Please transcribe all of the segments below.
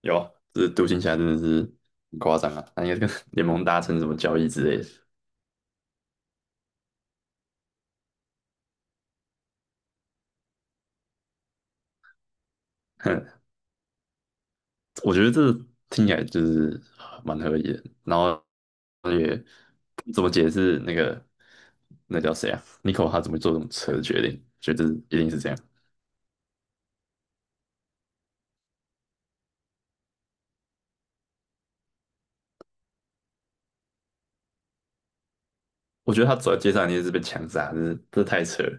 有啊，这独行侠真的是很夸张啊！他应该跟 联盟达成什么交易之类的，哼，我觉得这听起来就是蛮合理的。然后也不怎么解释那叫谁啊？Nico 他怎么做这种扯的决定？觉得一定是这样。我觉得他走在街上一定是被枪杀，就是这太扯了，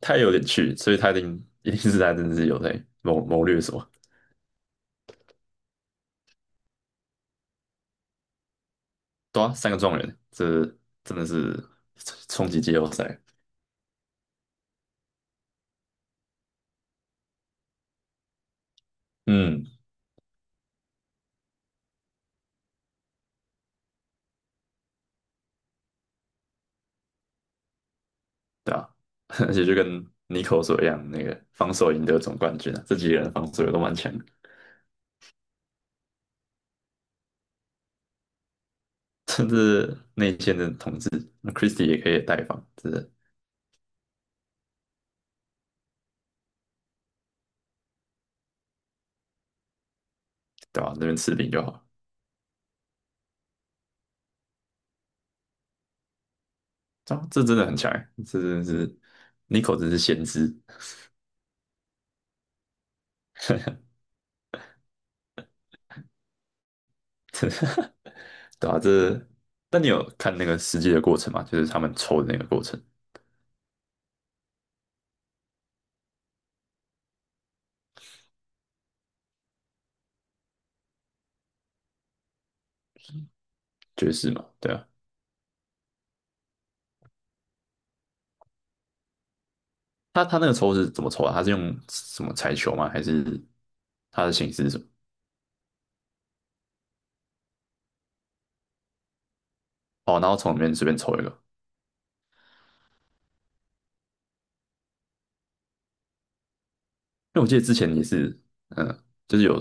太有点趣，所以他一定一定是他真的是有在谋略什么。对啊，三个状元，这真的是冲击季后赛。嗯。对啊，而且就跟 n i 妮 o 所一样，那个防守赢得总冠军啊，这几个人防守也都蛮强的，甚至内线的统治，那 Christie 也可以带防，真的，对吧,啊？那边吃饼就好了，这真的很强欸，这真的是 Nico 真是先知，真的对啊？这，但你有看那个实际的过程吗？就是他们抽的那个过程，爵士嘛，对啊，他那个抽是怎么抽啊？他是用什么彩球吗？还是他的形式是什么？哦，然后从里面随便抽一个，因为我记得之前也是，嗯，就是有，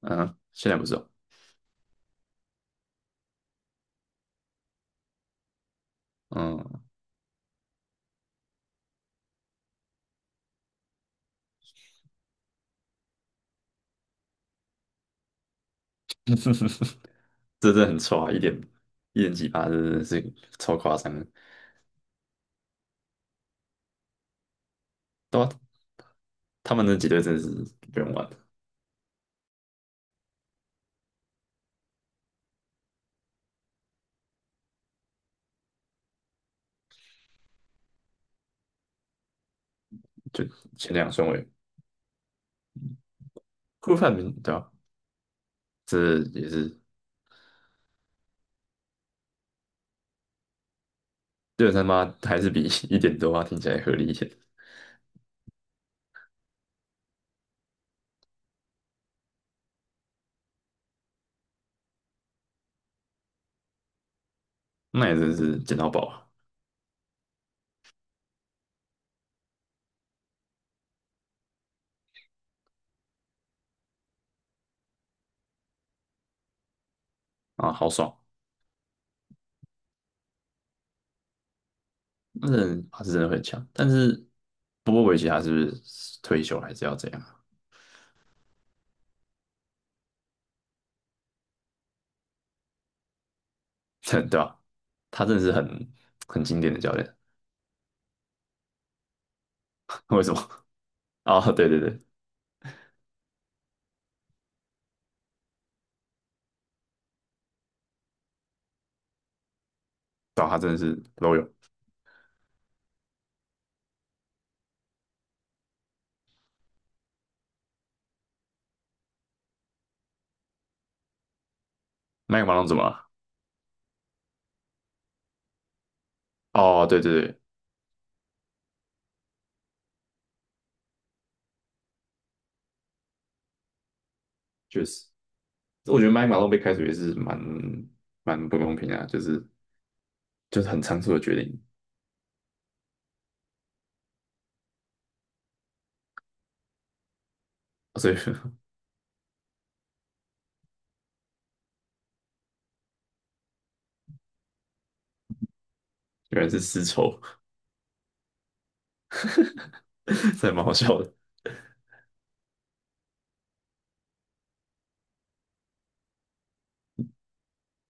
嗯，现在不是哦，嗯，这真的很臭啊，一点几趴，真的是超夸张的。对啊，他们那几队真的是不用玩，就前两顺位，顾范明，对吧？这也是六三八还是比一点多八听起来合理一些，那也真是捡到宝啊，啊，好爽，那人他是真的很强，但是波波维奇他是不是退休还是要这样啊？对吧？他真的是很经典的教练。为什么？啊，对对对，找他真的是都有。麦克马龙怎么了？哦，对对对，确实，我觉得麦克马龙被开除也是蛮不公平的啊，就是很仓促的决定，所以 原来是丝绸，这还蛮好笑的。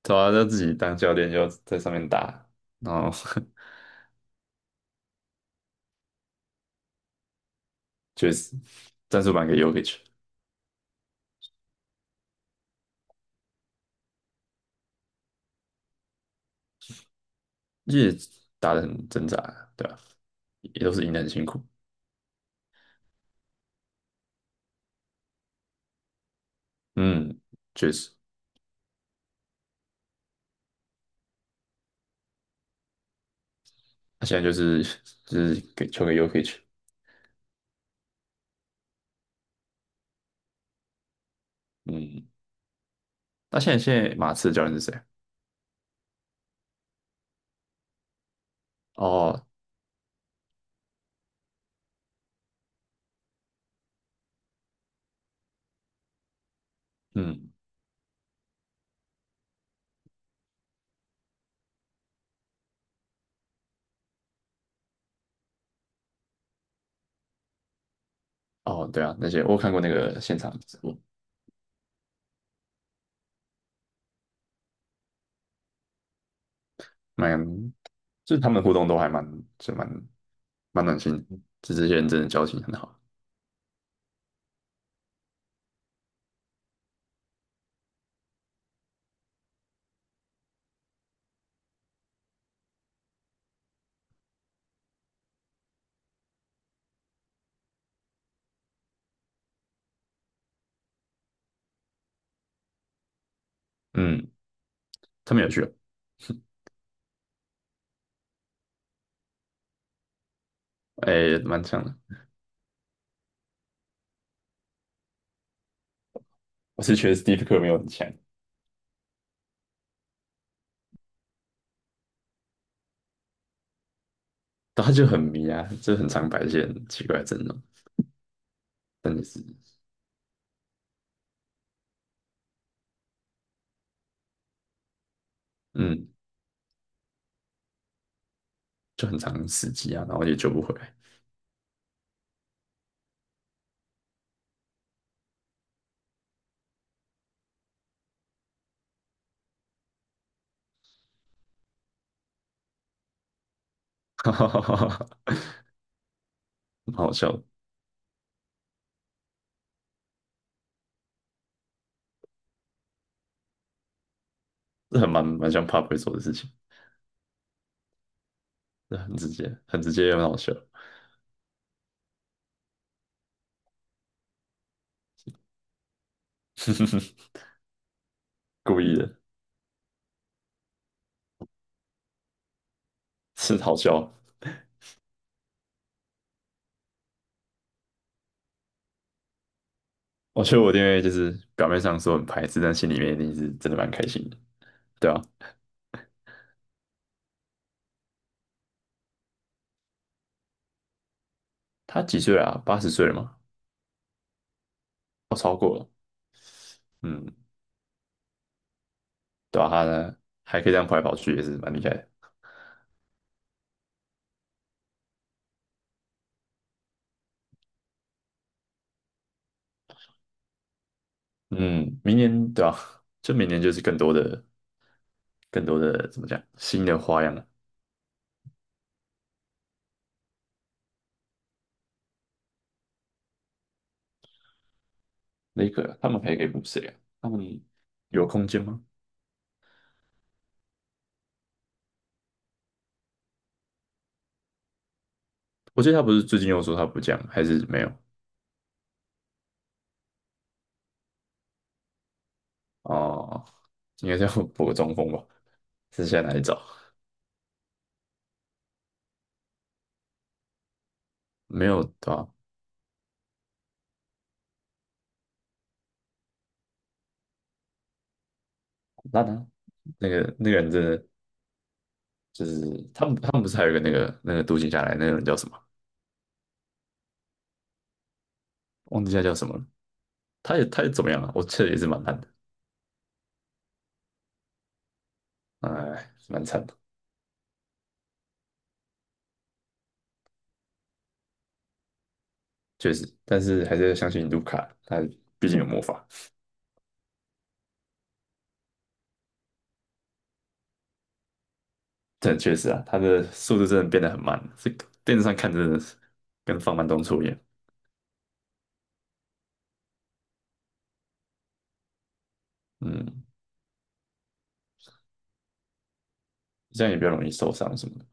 对啊，他自己当教练要在上面打，然后 确实战术版给 Yokic,也打得很挣扎啊，对吧,也都是赢得很辛苦。嗯，确实，他现在就是 就是给球给 Yokic,嗯。那现在马刺的教练是谁？哦，嗯，哦，对啊，那些我有看过那个现场，播，蛮就是他们互动都还就蛮蛮暖心的，就这些人真的交情很好。嗯，他们有趣哦，哎，蛮强的。我是觉得 Stev 没有很强，但他就很迷啊，就很常摆一些很奇怪的阵容，但也是嗯，就很常死机啊，然后也救不回来，哈哈哈哈哈，蛮好笑的，这很蛮像 Pop 会做的事情，这很直接，很直接又很好笑，故意的。是好笑。我觉得我弟妹就是表面上说很排斥，但心里面一定是真的蛮开心的，对啊，他几岁啊？80岁了吗？哦，超过了。嗯，对啊，他呢还可以这样跑来跑去，也是蛮厉害的。嗯，明年对啊，就明年就是更多的,更多的怎么讲，新的花样了。雷克他们还可以补谁啊？他们有空间吗？我记得他不是最近又说他不降，还是没有？哦，应该是要 补个中锋吧？剩下哪里找？没有对吧,啊？很烂啊那个那个人真的就是他们不是还有一个那个读行下来那个人叫什么？忘记他叫什么了。他也怎么样啊？我记得也是蛮烂的，哎，蛮惨的，确实。但是还是要相信卢卡，他毕竟有魔法。但确实啊，他的速度真的变得很慢，这个电视上看真的是跟放慢动作一样。嗯，这样也比较容易受伤什么的，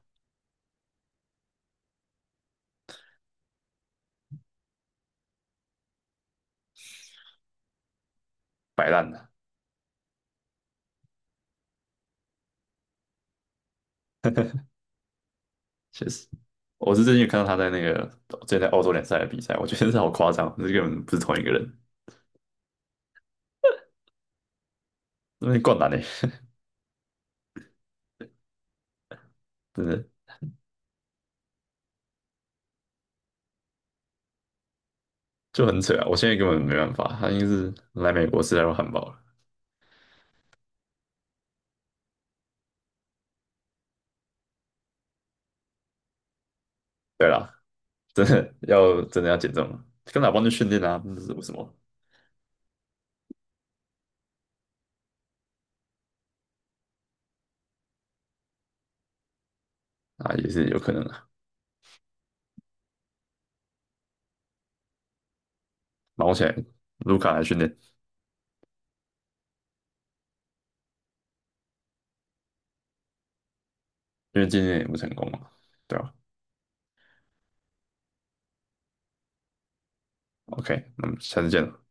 摆烂的，确实。我是最近有看到他在那个最近在澳洲联赛的比赛，我觉得真是好夸张，这根本不是同一个人，那边灌篮呢,真的就很扯啊！我现在根本没办法，他应该是来美国吃太多汉堡了。对啦，真的要减重了，跟老邦去训练啊，那是为什么啊？也是有可能的。忙起来，卢卡来训练，因为今年也不成功嘛，对吧？OK,那么下次见了。